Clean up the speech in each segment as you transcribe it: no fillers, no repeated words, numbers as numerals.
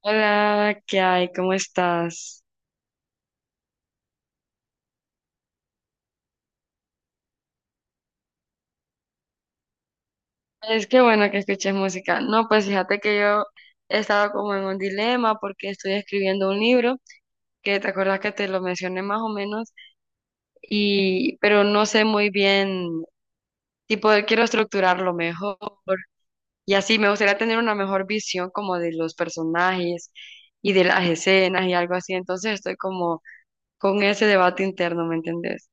Hola, ¿qué hay? ¿Cómo estás? Es que bueno que escuches música. No, pues fíjate que yo he estado como en un dilema porque estoy escribiendo un libro que te acuerdas que te lo mencioné más o menos y pero no sé muy bien, tipo quiero estructurarlo mejor y así me gustaría tener una mejor visión como de los personajes y de las escenas y algo así. Entonces estoy como con ese debate interno, ¿me entendés?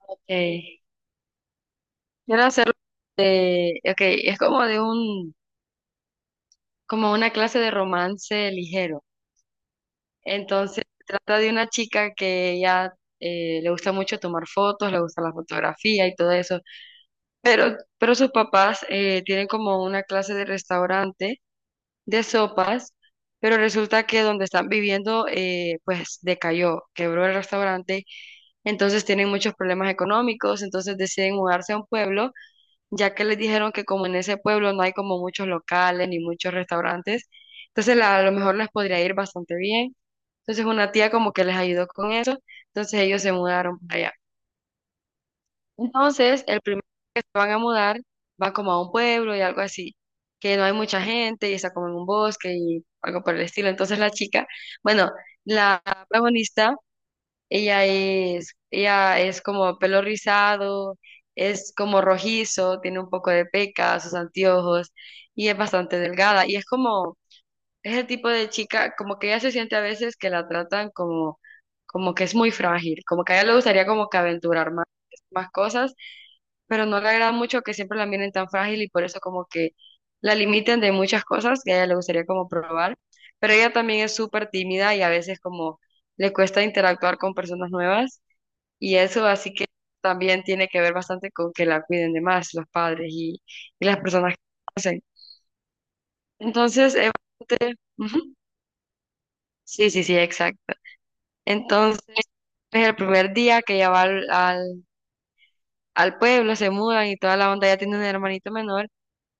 Ok, quiero hacerlo de, ok, es como de un como una clase de romance ligero. Entonces, se trata de una chica que ella le gusta mucho tomar fotos, le gusta la fotografía y todo eso, pero sus papás tienen como una clase de restaurante de sopas, pero resulta que donde están viviendo, pues decayó, quebró el restaurante, entonces tienen muchos problemas económicos, entonces deciden mudarse a un pueblo ya que les dijeron que como en ese pueblo no hay como muchos locales ni muchos restaurantes, entonces a lo mejor les podría ir bastante bien. Entonces una tía como que les ayudó con eso, entonces ellos se mudaron para allá. Entonces el primer día que se van a mudar, van como a un pueblo y algo así, que no hay mucha gente y está como en un bosque y algo por el estilo. Entonces la chica, bueno, la protagonista, ella es como pelo rizado, es como rojizo, tiene un poco de peca, sus anteojos y es bastante delgada. Y es como, es el tipo de chica, como que ella se siente a veces que la tratan como, como que es muy frágil, como que a ella le gustaría como que aventurar más, más cosas, pero no le agrada mucho que siempre la miren tan frágil y por eso como que la limiten de muchas cosas que a ella le gustaría como probar. Pero ella también es súper tímida y a veces como le cuesta interactuar con personas nuevas. Y eso así que también tiene que ver bastante con que la cuiden de más los padres y las personas que hacen. Entonces, ujú, sí, sí, sí, exacto. Entonces, es el primer día que ella va al pueblo, se mudan y toda la onda, ella tiene un hermanito menor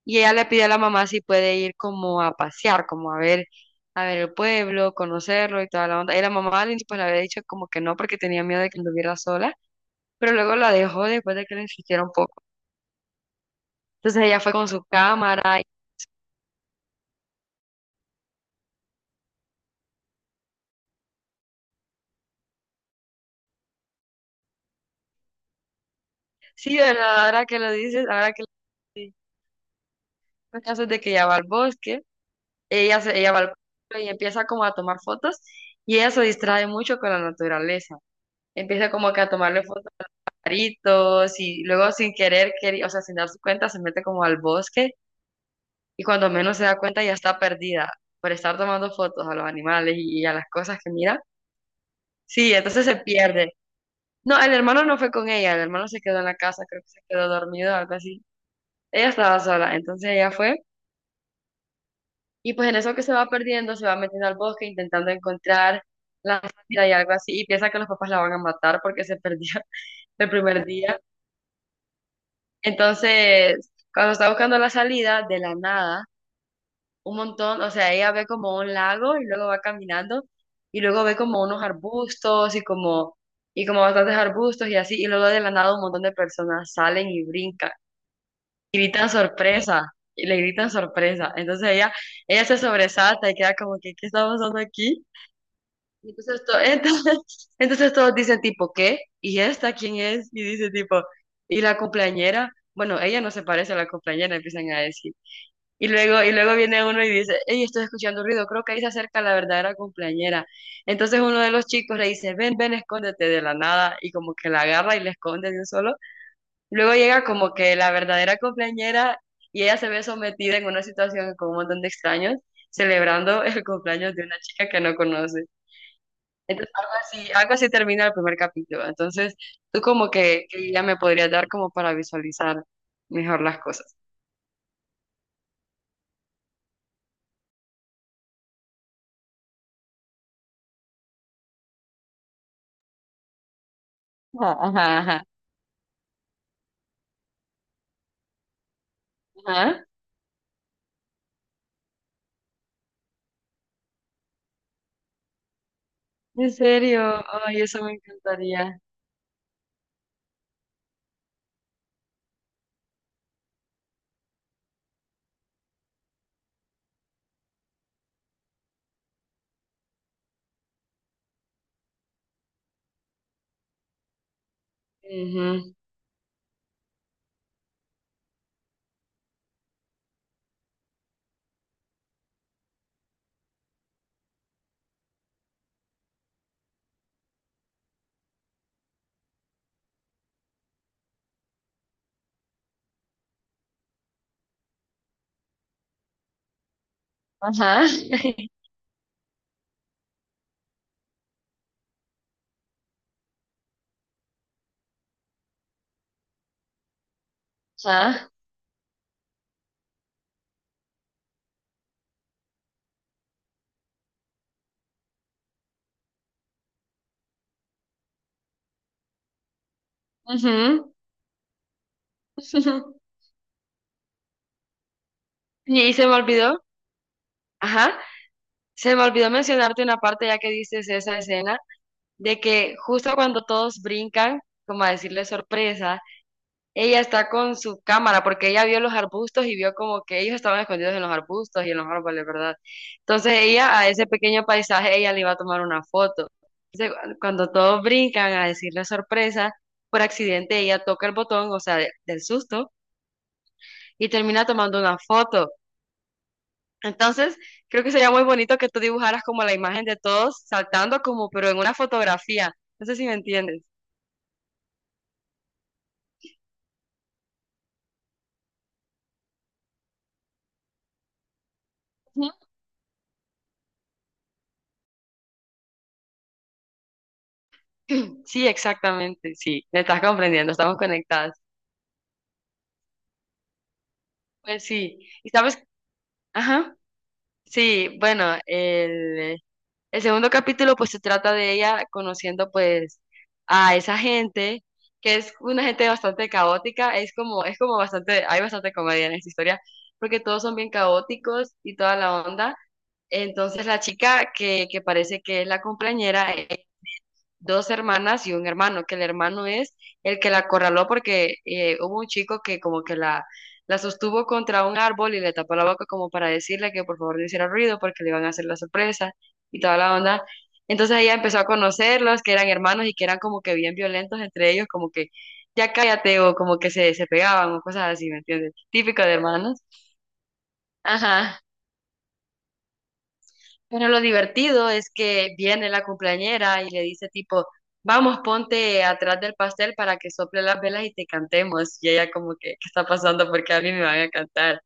y ella le pide a la mamá si puede ir como a pasear, como a ver el pueblo, conocerlo y toda la onda. Y la mamá al inicio, pues le había dicho como que no porque tenía miedo de que anduviera sola, pero luego la dejó después de que le insistiera un poco. Entonces ella fue con su cámara. Sí, ¿verdad? Ahora que lo dices, ahora que lo sí. El caso es de que ella va al bosque, ella va al bosque y empieza como a tomar fotos y ella se distrae mucho con la naturaleza. Empieza como que a tomarle fotos a pajaritos y luego sin querer, o sea, sin darse cuenta, se mete como al bosque y cuando menos se da cuenta ya está perdida por estar tomando fotos a los animales y a las cosas que mira. Sí, entonces se pierde. No, el hermano no fue con ella, el hermano se quedó en la casa, creo que se quedó dormido, o algo así. Ella estaba sola, entonces ella fue. Y pues en eso que se va perdiendo, se va metiendo al bosque intentando encontrar la salida y algo así, y piensa que los papás la van a matar porque se perdió el primer día. Entonces, cuando está buscando la salida, de la nada, un montón, o sea, ella ve como un lago y luego va caminando, y luego ve como unos arbustos y como bastantes arbustos y así, y luego de la nada un montón de personas salen y brincan, y gritan sorpresa, y le gritan sorpresa. Entonces ella se sobresalta y queda como que, ¿qué está pasando aquí? Entonces, entonces, entonces todos dicen tipo, ¿qué? ¿Y esta quién es? Y dice tipo, ¿y la cumpleañera? Bueno, ella no se parece a la cumpleañera, empiezan a decir. Y luego viene uno y dice, hey, estoy escuchando ruido, creo que ahí se acerca la verdadera cumpleañera. Entonces uno de los chicos le dice, ven, ven, escóndete de la nada. Y como que la agarra y le esconde de un solo. Luego llega como que la verdadera cumpleañera y ella se ve sometida en una situación con un montón de extraños, celebrando el cumpleaños de una chica que no conoce. Entonces, algo así termina el primer capítulo. Entonces, tú como que ya me podrías dar como para visualizar mejor las cosas. Ajá, ajá, ajá. Ajá. En serio, ay, eso me encantaría. Ujú. Ajá, ajá, ujú. Y se me olvidó, ajá, se me olvidó mencionarte una parte ya que dices esa escena, de que justo cuando todos brincan, como a decirle sorpresa, ella está con su cámara porque ella vio los arbustos y vio como que ellos estaban escondidos en los arbustos y en los árboles, ¿verdad? Entonces ella a ese pequeño paisaje, ella le iba a tomar una foto. Entonces, cuando todos brincan a decirle sorpresa, por accidente ella toca el botón, o sea, del susto, y termina tomando una foto. Entonces, creo que sería muy bonito que tú dibujaras como la imagen de todos saltando como, pero en una fotografía. No sé si me entiendes. Ujú. Sí, exactamente, sí, me estás comprendiendo, estamos conectadas. Pues sí, y sabes, ajá, sí, bueno, el segundo capítulo pues se trata de ella conociendo pues a esa gente, que es una gente bastante caótica, es como bastante, hay bastante comedia en esta historia, porque todos son bien caóticos y toda la onda, entonces la chica que parece que es la compañera dos hermanas y un hermano, que el hermano es el que la acorraló porque hubo un chico que como que la sostuvo contra un árbol y le tapó la boca como para decirle que por favor no hiciera ruido porque le iban a hacer la sorpresa y toda la onda. Entonces ella empezó a conocerlos, que eran hermanos y que eran como que bien violentos entre ellos, como que ya cállate o como que se pegaban o cosas así, ¿me entiendes? Típico de hermanos. Ajá. Pero lo divertido es que viene la cumpleañera y le dice tipo, vamos, ponte atrás del pastel para que sople las velas y te cantemos. Y ella como que, ¿qué está pasando? Porque a mí me van a cantar.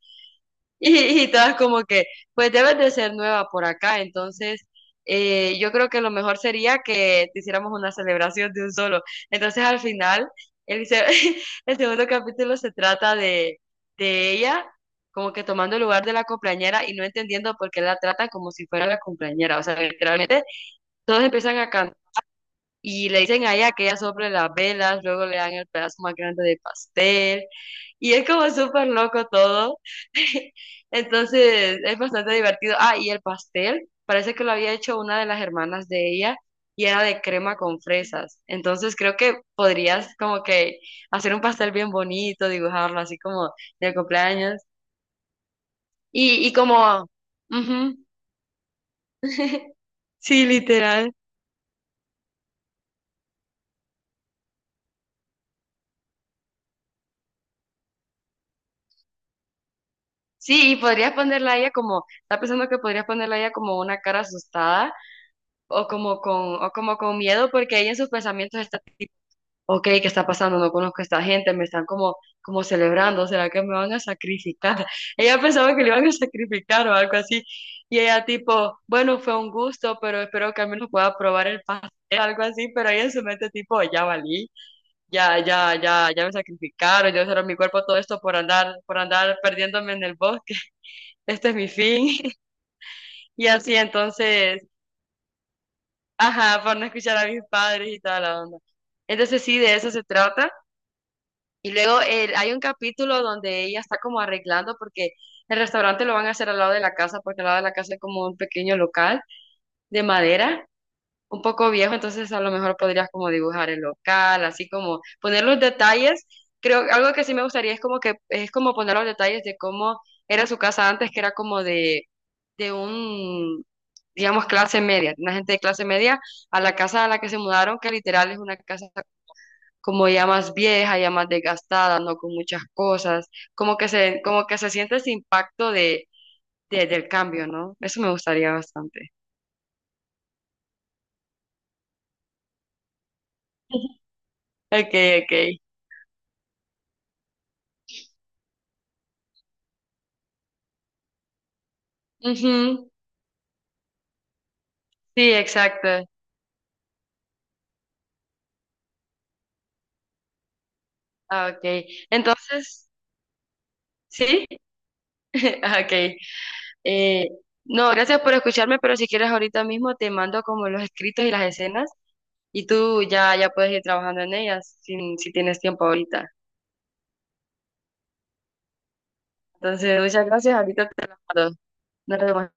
Y todas como que, pues debes de ser nueva por acá, entonces yo creo que lo mejor sería que te hiciéramos una celebración de un solo. Entonces al final, el, se- el segundo capítulo se trata de ella como que tomando el lugar de la cumpleañera y no entendiendo por qué la tratan como si fuera la cumpleañera. O sea, literalmente todos empiezan a cantar. Y le dicen a ella que ella sople las velas, luego le dan el pedazo más grande de pastel. Y es como súper loco todo. Entonces es bastante divertido. Ah, y el pastel, parece que lo había hecho una de las hermanas de ella y era de crema con fresas. Entonces creo que podrías como que hacer un pastel bien bonito, dibujarlo así como de cumpleaños. Y como... ujú, sí, literal. Sí, y podrías ponerla a ella como, está pensando que podrías ponerla a ella como una cara asustada o como con miedo, porque ella en sus pensamientos está tipo, ok, ¿qué está pasando? No conozco a esta gente, me están como, como celebrando, ¿será que me van a sacrificar? Ella pensaba que le iban a sacrificar o algo así, y ella tipo, bueno, fue un gusto, pero espero que al menos pueda probar el pastel, algo así, pero ella en su mente tipo, ya valí, ya, ya, ya, ya me sacrificaron, yo cerré mi cuerpo todo esto por andar perdiéndome en el bosque, este es mi fin. Y así entonces, ajá, por no escuchar a mis padres y toda la onda. Entonces sí, de eso se trata. Y luego hay un capítulo donde ella está como arreglando porque el restaurante lo van a hacer al lado de la casa, porque al lado de la casa es como un pequeño local de madera, un poco viejo, entonces a lo mejor podrías como dibujar el local, así como poner los detalles. Creo algo que sí me gustaría es como que es como poner los detalles de cómo era su casa antes, que era como de un, digamos, clase media, una gente de clase media, a la casa a la que se mudaron, que literal es una casa como ya más vieja, ya más desgastada, no con muchas cosas, como que se siente ese impacto de, del cambio, ¿no? Eso me gustaría bastante. Okay, okay. Ujú, sí, exacto. Ah, okay. Entonces, ¿sí? Ah, okay. Eh, no, gracias por escucharme, pero si quieres ahorita mismo te mando como los escritos y las escenas y tú ya, ya puedes ir trabajando en ellas si, si tienes tiempo ahorita. Entonces, muchas gracias, ahorita te las mando. Nos vemos.